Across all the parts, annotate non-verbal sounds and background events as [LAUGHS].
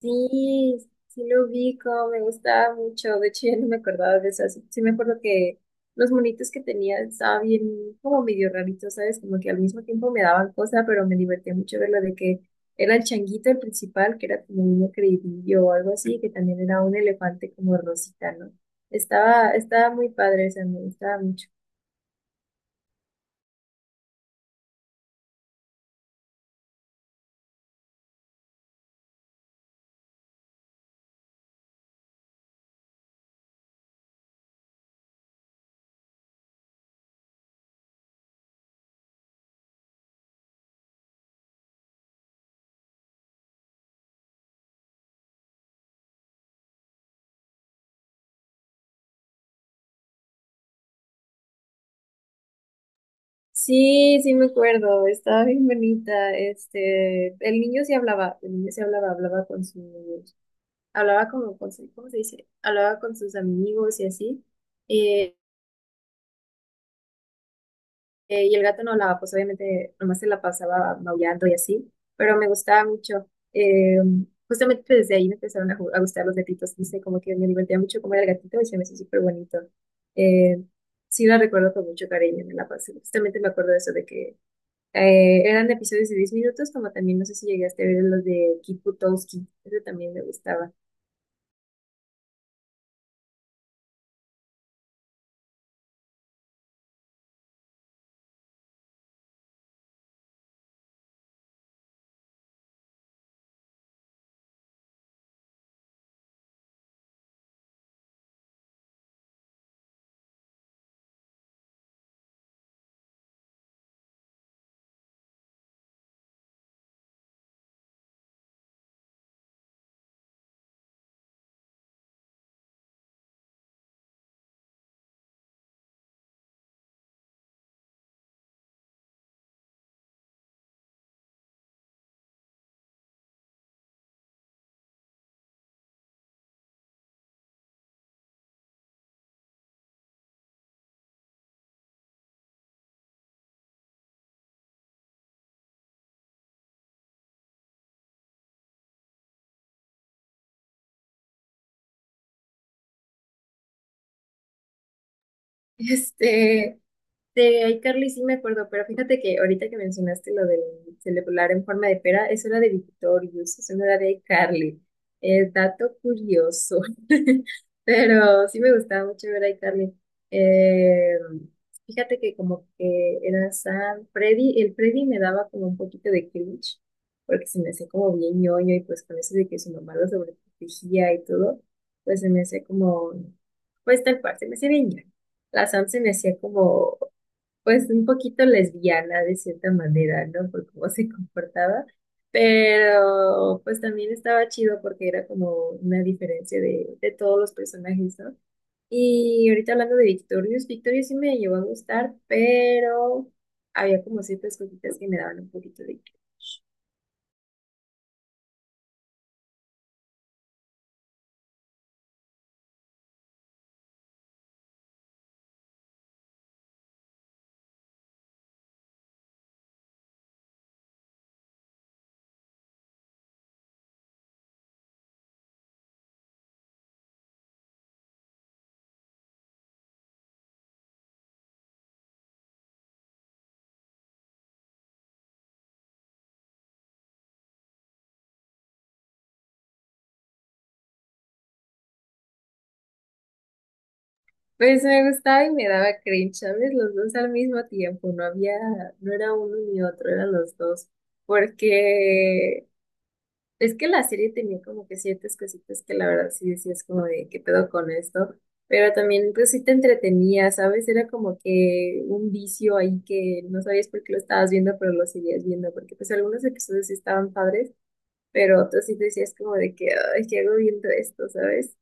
Sí, sí lo ubico, me gustaba mucho. De hecho, ya no me acordaba de eso. Sí, sí me acuerdo que los monitos que tenía estaban bien, como medio raritos, ¿sabes? Como que al mismo tiempo me daban cosas, pero me divertía mucho ver lo de que era el changuito el principal, que era como un creidillo o algo así, que también era un elefante como rosita, ¿no? Estaba muy padre, o sea, me gustaba mucho. Sí, sí me acuerdo, estaba bien bonita. Este, el niño sí hablaba, el niño sí hablaba, hablaba con sus hablaba como con su, ¿cómo se dice? Hablaba con sus amigos y así. eh, y el gato no hablaba, pues obviamente nomás se la pasaba maullando y así, pero me gustaba mucho. eh, Justamente pues, desde ahí me empezaron a gustar los gatitos, no sé, como que me divertía mucho comer al gatito y se me hizo súper bonito. Eh, sí la recuerdo con mucho cariño, me la pasé. Justamente me acuerdo de eso, de que eran episodios de 10 minutos, como también no sé si llegaste a ver los de Kip Butowski, ese también me gustaba. [LAUGHS] Este, de iCarly sí me acuerdo, pero fíjate que ahorita que mencionaste lo del celular en forma de pera, eso era de Victorious, eso no era de iCarly. Dato curioso. [LAUGHS] Pero sí me gustaba mucho ver a iCarly. Eh, Fíjate que como que era San Freddy, el Freddy me daba como un poquito de cringe, porque se me hacía como bien ñoño y pues con eso de que su mamá lo sobreprotegía y todo, pues se me hacía como, pues tal cual, se me hacía bien ñoño. La Sam se me hacía como pues un poquito lesbiana de cierta manera, ¿no? Por cómo se comportaba, pero pues también estaba chido porque era como una diferencia de todos los personajes, ¿no? Y ahorita hablando de Victorious, sí me llegó a gustar, pero había como ciertas cositas que me daban un poquito de cringe. Pues me gustaba y me daba cringe, ¿sabes? Los dos al mismo tiempo, no había, no era uno ni otro, eran los dos porque es que la serie tenía como que ciertas cositas que la verdad sí decías como de qué pedo con esto, pero también pues sí te entretenía, ¿sabes? Era como que un vicio ahí que no sabías por qué lo estabas viendo, pero lo seguías viendo, porque pues algunos episodios sí estaban padres, pero otros sí decías como de que, ay, ¿qué hago viendo esto, ¿sabes?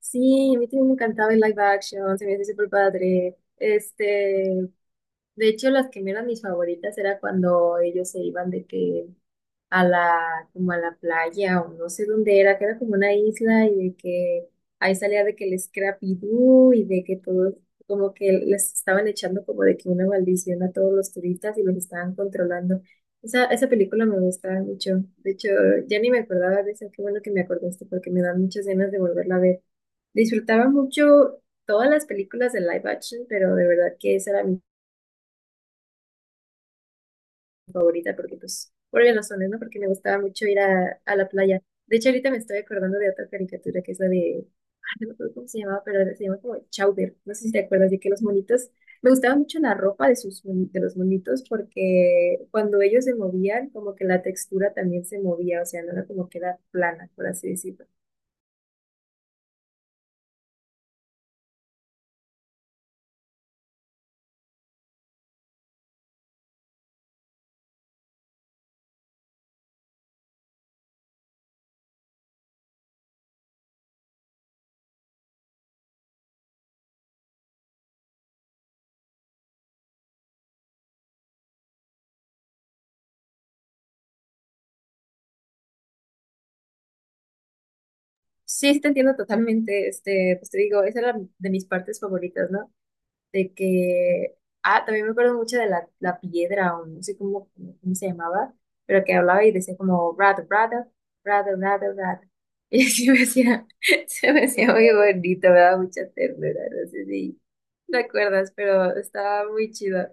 Sí, a mí también me encantaba el live action, se me hacía súper padre. De hecho, las que me eran mis favoritas era cuando ellos se iban de que a la, como a la playa o no sé dónde era, que era como una isla y de que ahí salía de que el Scrappy Doo y de que todos como que les estaban echando como de que una maldición a todos los turistas y los estaban controlando. Esa película me gustaba mucho. De hecho, ya ni me acordaba de esa. Qué bueno que me acordaste porque me dan muchas ganas de volverla a ver. Disfrutaba mucho todas las películas de live action, pero de verdad que esa era mi favorita porque, pues, por obvias razones, ¿no? Porque me gustaba mucho ir a la playa. De hecho, ahorita me estoy acordando de otra caricatura que es la de, ay, no me acuerdo cómo se llamaba, pero se llama como Chowder. No sé si te acuerdas de que los monitos, me gustaba mucho la ropa de de los monitos porque cuando ellos se movían, como que la textura también se movía, o sea, no era como que era plana, por así decirlo. Sí, sí te entiendo totalmente, este, pues te digo, esa era de mis partes favoritas, ¿no? De que, ah, también me acuerdo mucho de la piedra, o no sé cómo, cómo se llamaba, pero que hablaba y decía como, rato, rato, rato, rato, rato. [LAUGHS] Y así me hacía, [LAUGHS] se me hacía muy bonito, me daba mucha ternura, no sé si te acuerdas, pero estaba muy chido.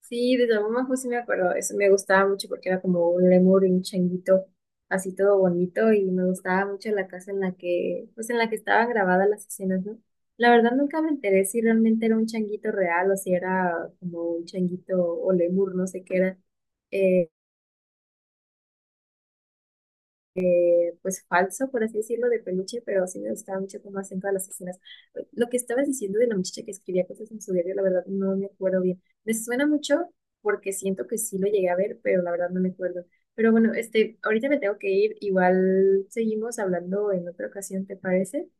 Sí, de Yamamojo sí me acuerdo, eso me gustaba mucho porque era como un lemur y un changuito, así todo bonito y me gustaba mucho la casa en la que, pues en la que estaban grabadas las escenas, ¿no? La verdad nunca me enteré si realmente era un changuito real o si era como un changuito o lemur, no sé qué era. eh, pues falso, por así decirlo, de peluche, pero sí me gustaba mucho cómo hacen todas las escenas. Lo que estabas diciendo de la muchacha que escribía cosas en su diario, la verdad no me acuerdo bien. Me suena mucho porque siento que sí lo llegué a ver, pero la verdad no me acuerdo. Pero bueno, este, ahorita me tengo que ir, igual seguimos hablando en otra ocasión, ¿te parece?